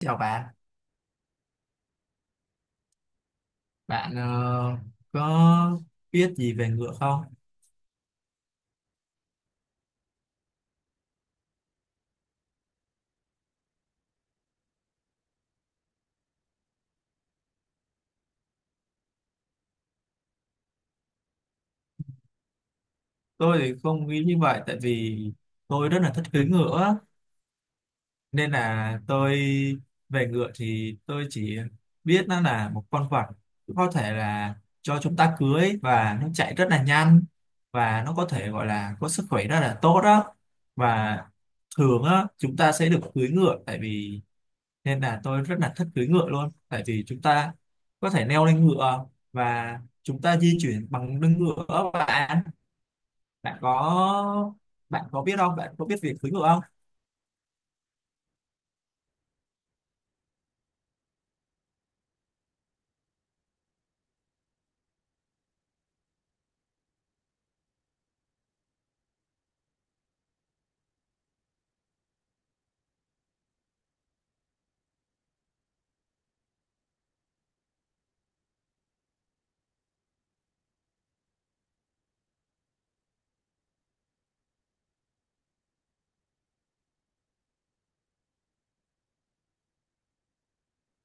Chào bạn, bạn có biết gì về ngựa không? Tôi thì không nghĩ như vậy tại vì tôi rất là thích cưỡi ngựa nên là tôi, về ngựa thì tôi chỉ biết nó là một con vật có thể là cho chúng ta cưỡi, và nó chạy rất là nhanh và nó có thể gọi là có sức khỏe rất là tốt đó. Và thường á chúng ta sẽ được cưỡi ngựa tại vì, nên là tôi rất là thích cưỡi ngựa luôn, tại vì chúng ta có thể leo lên ngựa và chúng ta di chuyển bằng lưng ngựa. Bạn, bạn có, bạn có biết không bạn có biết việc cưỡi ngựa không?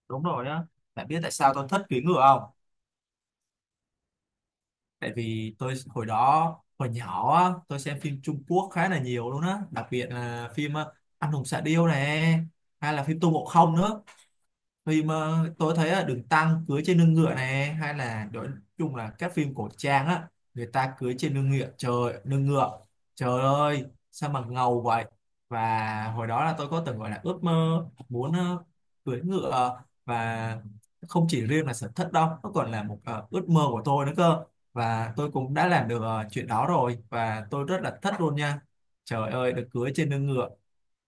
Đúng rồi á. Bạn biết tại sao tôi thích cưỡi ngựa không? Tại vì tôi hồi đó, hồi nhỏ á, tôi xem phim Trung Quốc khá là nhiều luôn á, đặc biệt là phim Anh hùng xạ điêu này, hay là phim Tô Ngộ Không nữa. Phim tôi thấy là được tăng cưới trên lưng ngựa này, hay là nói chung là các phim cổ trang á, người ta cưới trên lưng ngựa, trời lưng ngựa, trời ơi sao mà ngầu vậy. Và hồi đó là tôi có từng gọi là ước mơ muốn cưới ngựa, và không chỉ riêng là sở thích đâu, nó còn là một ước mơ của tôi nữa cơ. Và tôi cũng đã làm được chuyện đó rồi và tôi rất là thích luôn nha. Trời ơi được cưới trên lưng ngựa,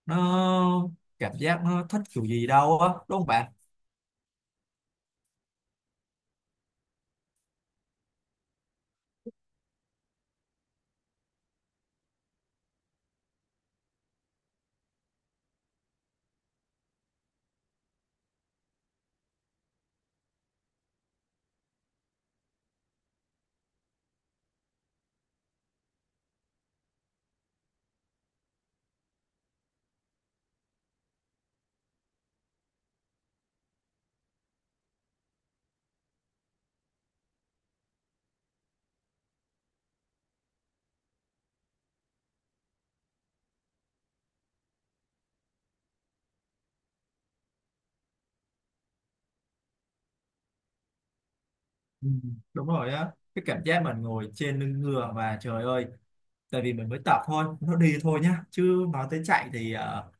nó, cảm giác nó thích kiểu gì đâu á, đúng không bạn? Ừ, đúng rồi á, cái cảm giác mình ngồi trên lưng ngựa và trời ơi. Tại vì mình mới tập thôi, nó đi thôi nhá, chứ nói tới chạy thì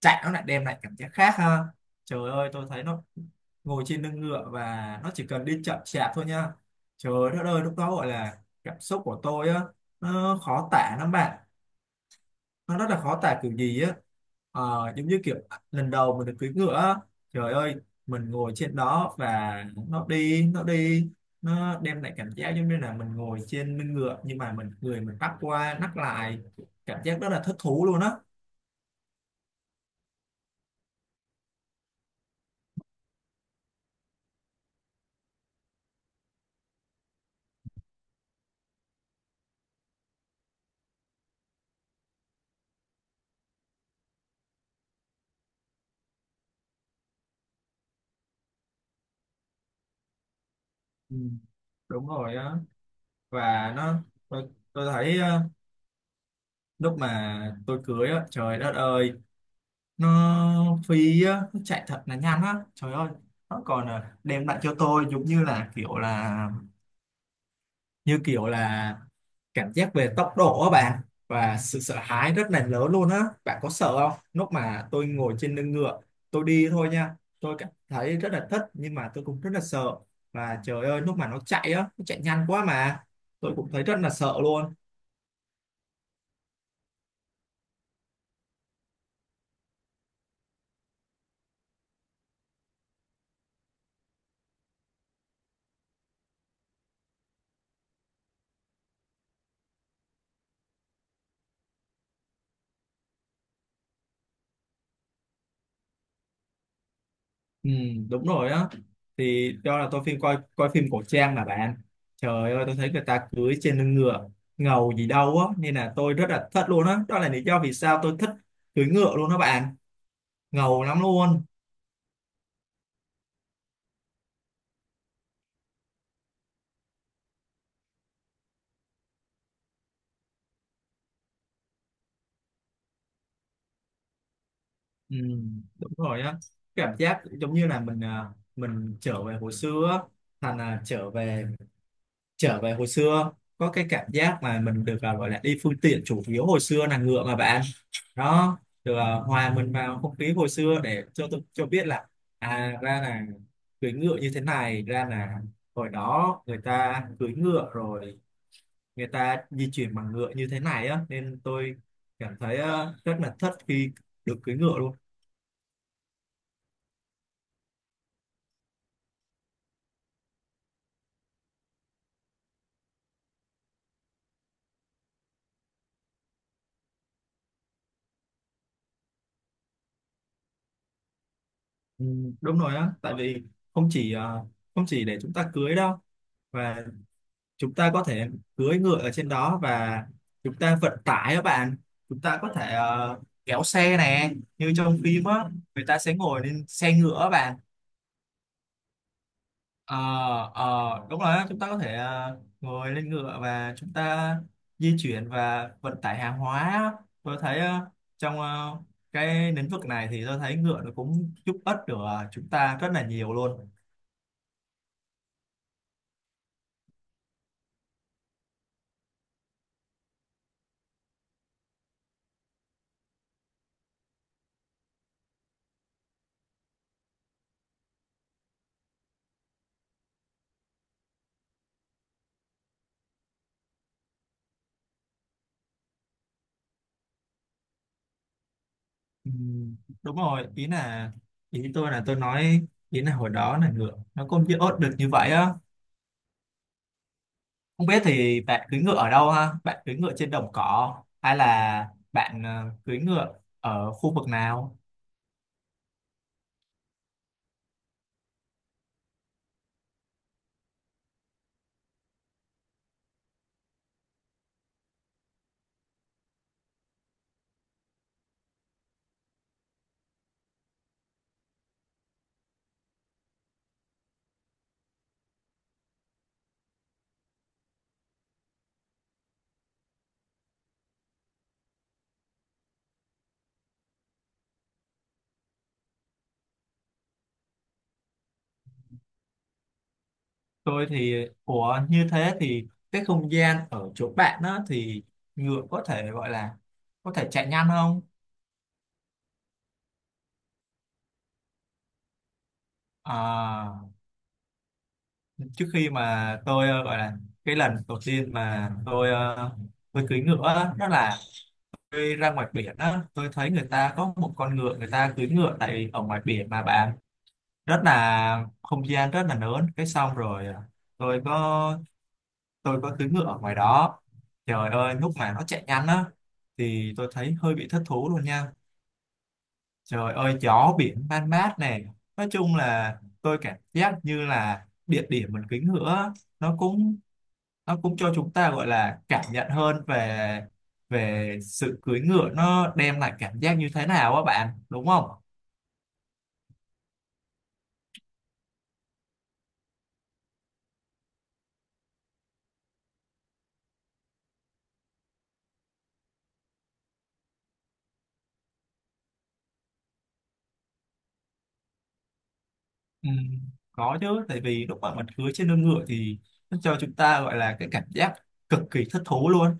chạy nó lại đem lại cảm giác khác ha. Trời ơi tôi thấy nó, ngồi trên lưng ngựa và nó chỉ cần đi chậm chạp thôi nha, trời đất ơi lúc đó gọi là cảm xúc của tôi á nó khó tả lắm bạn, nó rất là khó tả kiểu gì á. Ờ, giống như kiểu lần đầu mình được cưỡi ngựa á, trời ơi mình ngồi trên đó và nó đi nó đi, nó đem lại cảm giác giống như là mình ngồi trên lưng ngựa nhưng mà mình, người mình bắt qua nắt lại, cảm giác rất là thích thú luôn á. Ừ, đúng rồi á, và nó, tôi thấy lúc mà tôi cưới á, trời đất ơi nó phi á, nó chạy thật là nhanh á, trời ơi. Nó còn đem lại cho tôi giống như là kiểu là, như kiểu là cảm giác về tốc độ á bạn, và sự sợ hãi rất là lớn luôn á. Bạn có sợ không lúc mà tôi ngồi trên lưng ngựa, tôi đi thôi nha, tôi cảm thấy rất là thích nhưng mà tôi cũng rất là sợ. Và trời ơi lúc mà nó chạy á, nó chạy nhanh quá mà tôi cũng thấy rất là sợ luôn. Ừ, đúng rồi á, thì do là tôi phim, coi coi phim cổ trang mà bạn, trời ơi tôi thấy người ta cưỡi trên lưng ngựa ngầu gì đâu á, nên là tôi rất là thích luôn á đó. Đó là lý do vì sao tôi thích cưỡi ngựa luôn đó bạn, ngầu lắm luôn. Ừ, đúng rồi á, cảm giác giống như là mình à, mình trở về hồi xưa á. Thành là trở về, trở về hồi xưa, có cái cảm giác mà mình được à, gọi là đi phương tiện chủ yếu hồi xưa là ngựa mà bạn. Đó, được à, hòa mình vào không khí hồi xưa để cho tôi cho biết là à ra là cưỡi ngựa như thế này, ra là hồi đó người ta cưỡi ngựa rồi, người ta di chuyển bằng ngựa như thế này á, nên tôi cảm thấy à, rất là thất khi được cưỡi ngựa luôn. Ừ, đúng rồi á, tại vì không chỉ không chỉ để chúng ta cưới đâu, và chúng ta có thể cưỡi ngựa ở trên đó, và chúng ta vận tải các bạn. Chúng ta có thể kéo xe nè, như trong phim á người ta sẽ ngồi lên xe ngựa các bạn. Ờ, đúng rồi á, chúng ta có thể ngồi lên ngựa và chúng ta di chuyển và vận tải hàng hóa á. Tôi thấy trong cái lĩnh vực này thì tôi thấy ngựa nó cũng giúp ích được chúng ta rất là nhiều luôn. Ừ, đúng rồi, ý là, ý tôi là tôi nói ý là hồi đó là ngựa nó cũng chưa ốt được như vậy á. Không biết thì bạn cưỡi ngựa ở đâu ha, bạn cưỡi ngựa trên đồng cỏ hay là bạn cưỡi ngựa ở khu vực nào? Tôi thì của như thế thì cái không gian ở chỗ bạn á thì ngựa có thể gọi là có thể chạy nhanh không? À, trước khi mà tôi gọi là cái lần đầu tiên mà tôi tôi cưỡi ngựa á, đó là tôi ra ngoài biển á, tôi thấy người ta có một con ngựa, người ta cưỡi ngựa tại ở ngoài biển mà bạn, rất là không gian rất là lớn, cái xong rồi à, tôi có, tôi có cưỡi ngựa ở ngoài đó. Trời ơi lúc mà nó chạy nhanh á thì tôi thấy hơi bị thất thú luôn nha, trời ơi gió biển man mát này. Nói chung là tôi cảm giác như là địa điểm mình cưỡi ngựa á, nó cũng, nó cũng cho chúng ta gọi là cảm nhận hơn về, về sự cưỡi ngựa nó đem lại cảm giác như thế nào á bạn, đúng không? Ừ, có chứ, tại vì lúc mà mình cưỡi trên lưng ngựa thì nó cho chúng ta gọi là cái cảm giác cực kỳ thích thú luôn,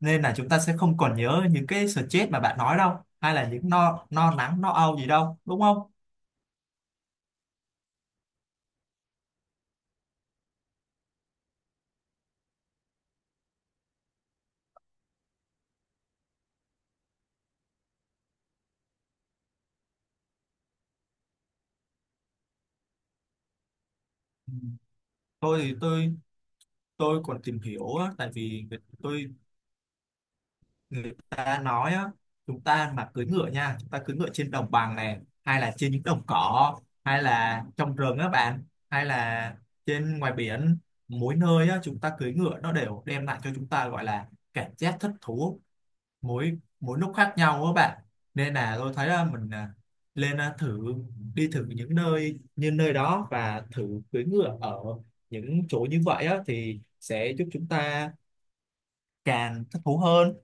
nên là chúng ta sẽ không còn nhớ những cái stress mà bạn nói đâu, hay là những no no nắng no âu gì đâu, đúng không? Ừ. Tôi thì tôi còn tìm hiểu á, tại vì tôi, người ta nói á, chúng ta mà cưỡi ngựa nha, chúng ta cưỡi ngựa trên đồng bằng này hay là trên những đồng cỏ hay là trong rừng á bạn, hay là trên ngoài biển, mỗi nơi á chúng ta cưỡi ngựa nó đều đem lại cho chúng ta gọi là cảm giác thích thú mỗi mỗi lúc khác nhau á bạn. Nên là tôi thấy á, mình à, lên à, thử đi thử những nơi như nơi đó và thử cưỡi ngựa ở những chỗ như vậy á, thì sẽ giúp chúng ta càng thích thú hơn.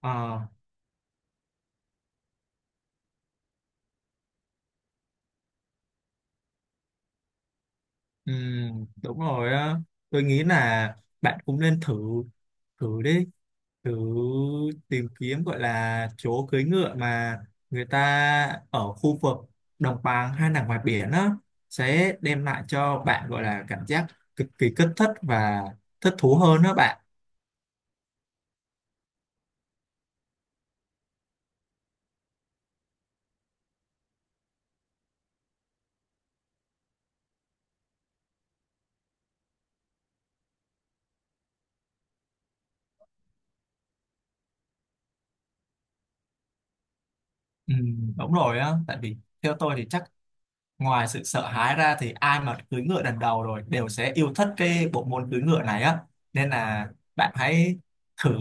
Ờ. Ừ, đúng rồi á. Tôi nghĩ là bạn cũng nên thử, thử đi, thử tìm kiếm gọi là chỗ cưới ngựa mà người ta ở khu vực đồng bằng hay là ngoài biển á, sẽ đem lại cho bạn gọi là cảm giác cực kỳ kích thích và thích thú hơn đó bạn. Ừ, đúng rồi á, tại vì theo tôi thì chắc ngoài sự sợ hãi ra thì ai mà cưỡi ngựa lần đầu rồi đều sẽ yêu thích cái bộ môn cưỡi ngựa này á. Nên là bạn hãy thử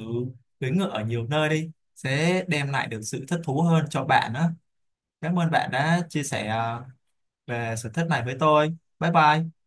cưỡi ngựa ở nhiều nơi đi, sẽ đem lại được sự thích thú hơn cho bạn á. Cảm ơn bạn đã chia sẻ về sở thích này với tôi, bye bye.